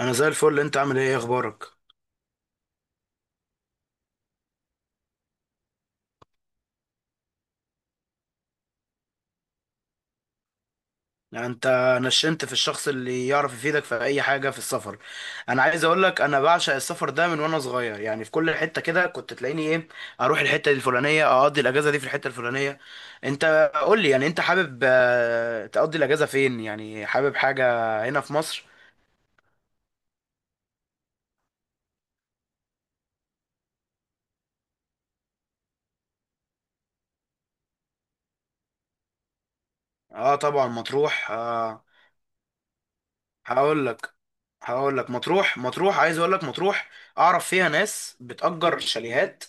انا زي الفل. انت عامل إيه اخبارك؟ يعني انت نشنت في الشخص اللي يعرف يفيدك في اي حاجه في السفر. انا عايز اقول لك، انا بعشق السفر ده من وانا صغير. يعني في كل حته كده كنت تلاقيني ايه، اروح الحته دي الفلانيه، اقضي الاجازه دي في الحته الفلانيه. انت قول لي، يعني انت حابب تقضي الاجازه فين؟ يعني حابب حاجه هنا في مصر؟ اه طبعا، مطروح. آه هقول لك هقول لك مطروح، عايز اقول لك، مطروح اعرف فيها ناس بتأجر شاليهات.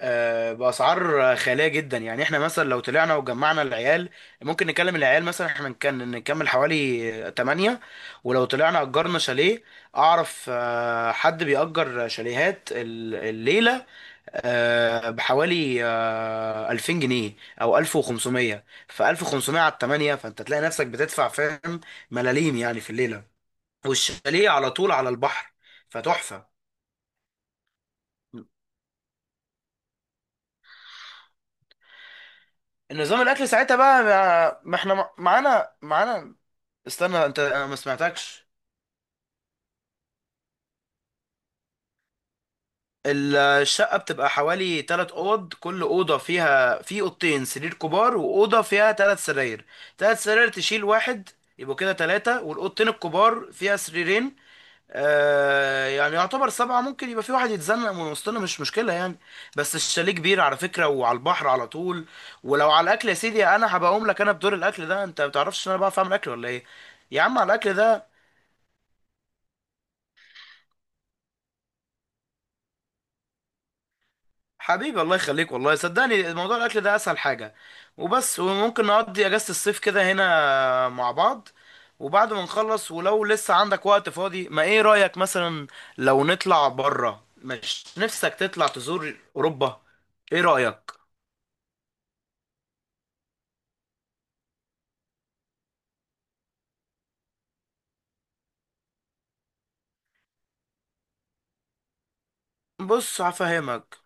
بأسعار خيالية جدا. يعني احنا مثلا لو طلعنا وجمعنا العيال، ممكن نكلم العيال مثلا، احنا نكمل حوالي 8. ولو طلعنا أجرنا شاليه، أعرف حد بيأجر شاليهات الليلة بحوالي 2000 جنيه أو 1500. ف 1500 على 8، فأنت تلاقي نفسك بتدفع، فاهم، ملاليم يعني في الليلة. والشاليه على طول على البحر، فتحفة. نظام الاكل ساعتها بقى، ما احنا معانا. استنى انت، انا ما سمعتكش. الشقه بتبقى حوالي 3 اوض، كل اوضه فيها، في 2 سرير كبار واوضه فيها 3 سراير. 3 سراير تشيل واحد، يبقوا كده ثلاثه، والاوضتين الكبار فيها 2 سرير. آه، يعني يعتبر 7. ممكن يبقى في واحد يتزنق من وسطنا، مش مشكلة يعني. بس الشاليه كبير على فكرة، وعلى البحر على طول. ولو على الأكل، يا سيدي أنا هبقى أقوم لك، أنا بدور الأكل ده. أنت ما بتعرفش إن أنا بعرف أعمل أكل ولا إيه؟ يا عم على الأكل ده، حبيبي الله يخليك، والله صدقني موضوع الأكل ده أسهل حاجة وبس. وممكن نقضي أجازة الصيف كده هنا مع بعض. وبعد ما نخلص، ولو لسه عندك وقت فاضي، ما إيه رأيك مثلا لو نطلع بره؟ مش نفسك تطلع تزور أوروبا؟ إيه رأيك؟ بص هفهمك.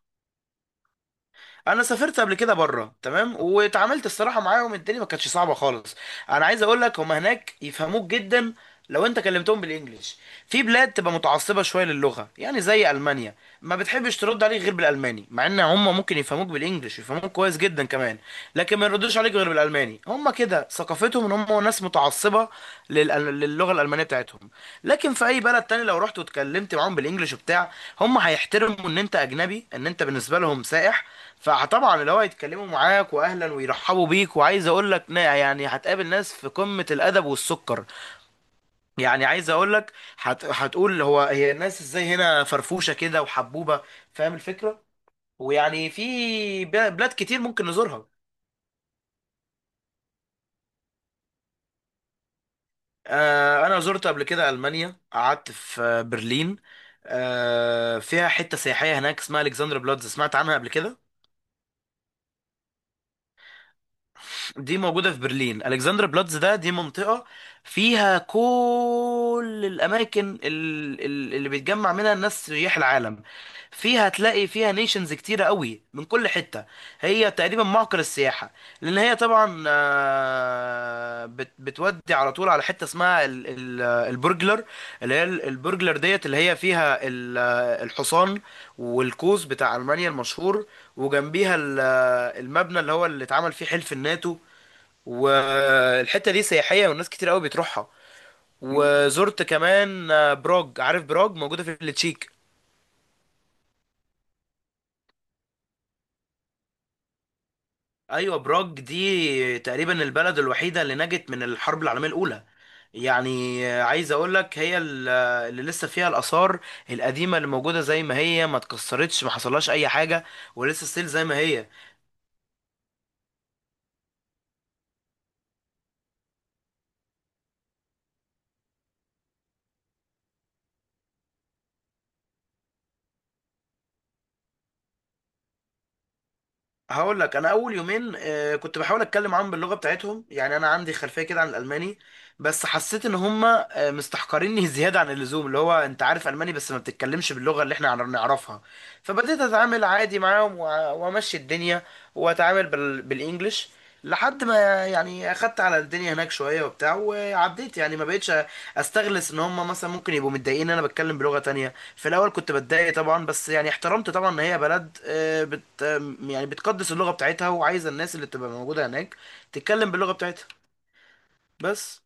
انا سافرت قبل كده بره، تمام، واتعاملت الصراحه معاهم، الدنيا ما كانتش صعبه خالص. انا عايز اقول لك، هم هناك يفهموك جدا لو انت كلمتهم بالانجلش. في بلاد تبقى متعصبه شويه للغه، يعني زي المانيا، ما بتحبش ترد عليك غير بالالماني، مع ان هم ممكن يفهموك بالانجلش، يفهموك كويس جدا كمان. لكن ما يردوش عليك غير بالالماني. الالماني هم كده ثقافتهم، ان هم ناس متعصبه للغه الالمانيه بتاعتهم. لكن في اي بلد تاني، لو رحت واتكلمت معاهم بالانجلش وبتاع، هم هيحترموا ان انت اجنبي، ان انت بالنسبه لهم سائح. فطبعا اللي هو هيتكلموا معاك، واهلا ويرحبوا بيك، وعايز اقول لك، يعني هتقابل ناس في قمه الادب والسكر. يعني عايز اقول لك، هتقول هو هي الناس ازاي هنا فرفوشه كده وحبوبه، فاهم الفكره. ويعني في بلاد كتير ممكن نزورها. انا زرت قبل كده المانيا، قعدت في برلين. فيها حته سياحيه هناك اسمها الكسندر بلاتز، سمعت عنها قبل كده؟ دي موجودة في برلين. ألكسندر بلاتز ده دي منطقة فيها كل الأماكن اللي بيتجمع منها الناس سياح العالم. فيها هتلاقي فيها نيشنز كتيرة قوي من كل حتة. هي تقريبا معقل السياحة. لأن هي طبعا، بتودي على طول على حتة اسمها البرجلر، اللي هي البرجلر ديت، اللي هي فيها الحصان والقوس بتاع ألمانيا المشهور. وجنبيها المبنى اللي هو اللي اتعمل فيه حلف الناتو. والحته دي سياحيه والناس كتير قوي بتروحها. مم. وزرت كمان براج. عارف براج موجوده في التشيك؟ ايوه، براج دي تقريبا البلد الوحيده اللي نجت من الحرب العالميه الاولى. يعني عايز اقول لك، هي اللي لسه فيها الاثار القديمه اللي موجوده زي ما هي، ما اتكسرتش، ما حصلهاش اي حاجه، ولسه ستيل زي ما هي. هقول لك، انا اول 2 يوم كنت بحاول اتكلم معاهم باللغه بتاعتهم، يعني انا عندي خلفيه كده عن الالماني. بس حسيت ان هم مستحقريني زياده عن اللزوم، اللي هو انت عارف الماني بس ما بتتكلمش باللغه اللي احنا نعرفها. فبديت اتعامل عادي معاهم، وامشي الدنيا، واتعامل بالانجلش، لحد ما يعني اخدت على الدنيا هناك شويه وبتاع، وعديت. يعني ما بقتش استغلس ان هم مثلا ممكن يبقوا متضايقين ان انا بتكلم بلغه تانية. في الاول كنت بتضايق طبعا، بس يعني احترمت طبعا ان هي بلد آه، بت آه، يعني بتقدس اللغه بتاعتها، وعايزه الناس اللي تبقى موجوده هناك تتكلم باللغه بتاعتها. بس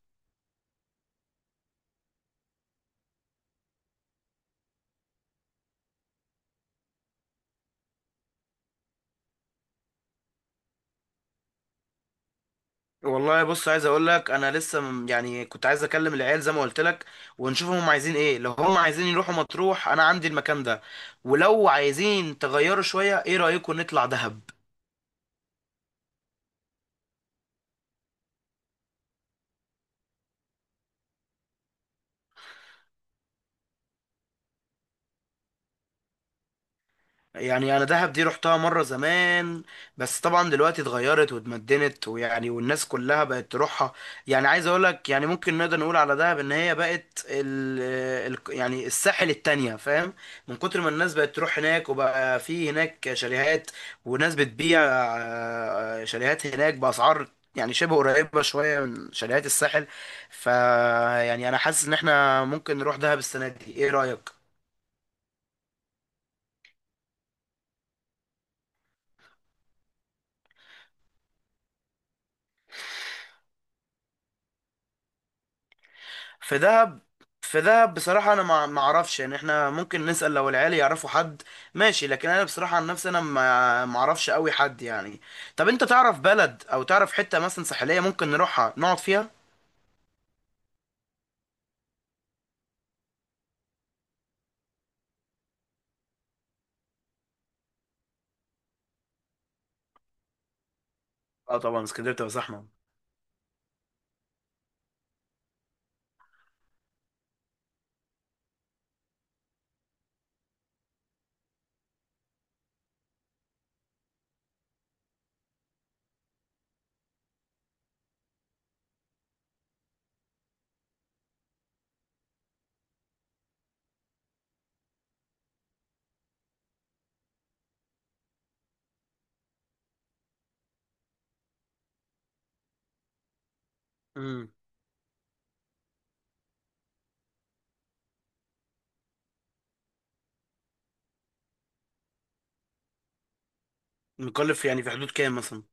والله بص، عايز اقول لك، انا يعني كنت عايز اكلم العيال زي ما قلت لك، ونشوفهم هم عايزين ايه. لو هم عايزين يروحوا مطروح، انا عندي المكان ده، ولو عايزين تغيروا شويه، ايه رايكم نطلع دهب؟ يعني انا دهب دي رحتها مره زمان، بس طبعا دلوقتي اتغيرت واتمدنت، ويعني والناس كلها بقت تروحها. يعني عايز اقول لك، يعني ممكن نقدر نقول على دهب ان هي بقت ال ال يعني الساحل التانية، فاهم؟ من كتر ما الناس بقت تروح هناك، وبقى في هناك شاليهات وناس بتبيع شاليهات هناك باسعار يعني شبه قريبة شوية من شاليهات الساحل. ف يعني أنا حاسس إن إحنا ممكن نروح دهب السنة دي، إيه رأيك؟ في دهب، في دهب بصراحة أنا ما أعرفش. يعني إحنا ممكن نسأل لو العيال يعرفوا حد، ماشي، لكن أنا بصراحة عن نفسي أنا ما أعرفش أوي حد يعني. طب أنت تعرف بلد، أو تعرف حتة مثلا ساحلية ممكن نروحها نقعد فيها؟ أه طبعا، اسكندرية بتبقى زحمة. امم. مكلف يعني في حدود كام مثلا؟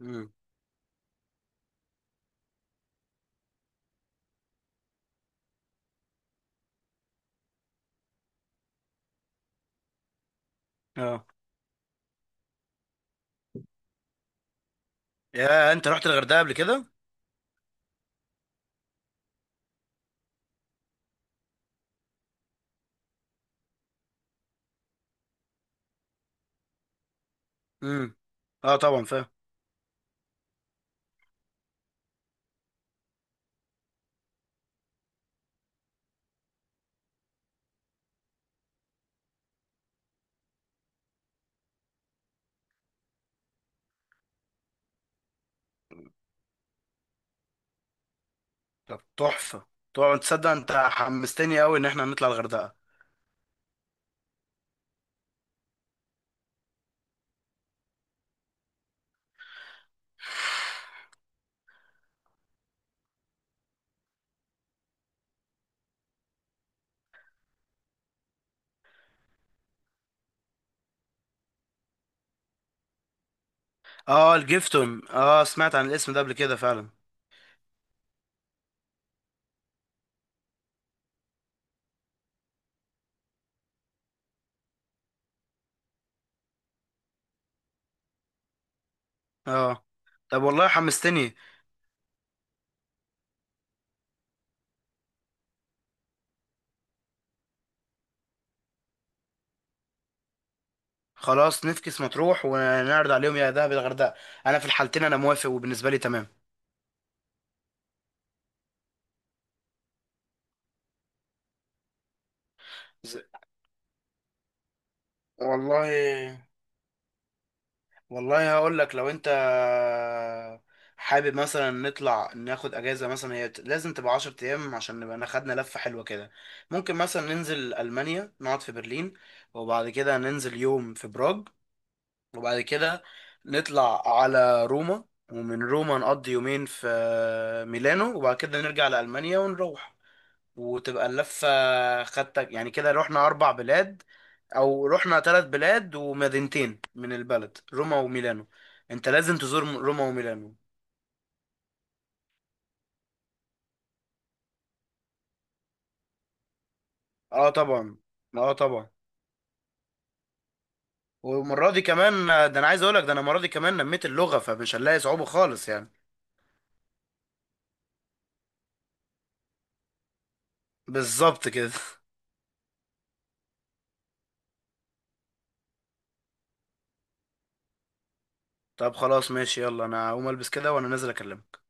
امم. أه. يا أنت رحت الغردقة قبل كده؟ امم. أه طبعا فاهم. طب تحفة. طبعا تصدق أنت حمستني أوي إن إحنا نطلع الغردقة. أه الجيفتون، أه سمعت عن الاسم ده قبل كده فعلا. اه. طب والله حمستني. خلاص نفكس مطروح ونعرض عليهم يا دهب يا الغردقه. انا في الحالتين انا موافق، وبالنسبه لي تمام. ز- والله، والله هقول لك، لو انت حابب مثلا نطلع ناخد اجازه مثلا، هي لازم تبقى 10 ايام عشان نبقى أنا خدنا لفه حلوه كده. ممكن مثلا ننزل المانيا، نقعد في برلين، وبعد كده ننزل يوم في براغ، وبعد كده نطلع على روما، ومن روما نقضي 2 يوم في ميلانو، وبعد كده نرجع لألمانيا ونروح، وتبقى اللفة خدتك. يعني كده رحنا 4 بلاد، أو رحنا 3 بلاد ومدينتين من البلد، روما وميلانو. أنت لازم تزور روما وميلانو. أه طبعا. أه طبعا. والمرة دي كمان، ده أنا عايز أقولك، ده أنا المرة دي كمان نميت اللغة، فمش هنلاقي صعوبة خالص يعني. بالظبط كده. طب خلاص ماشي، يلا أنا هقوم ألبس كده وأنا نازل أكلمك.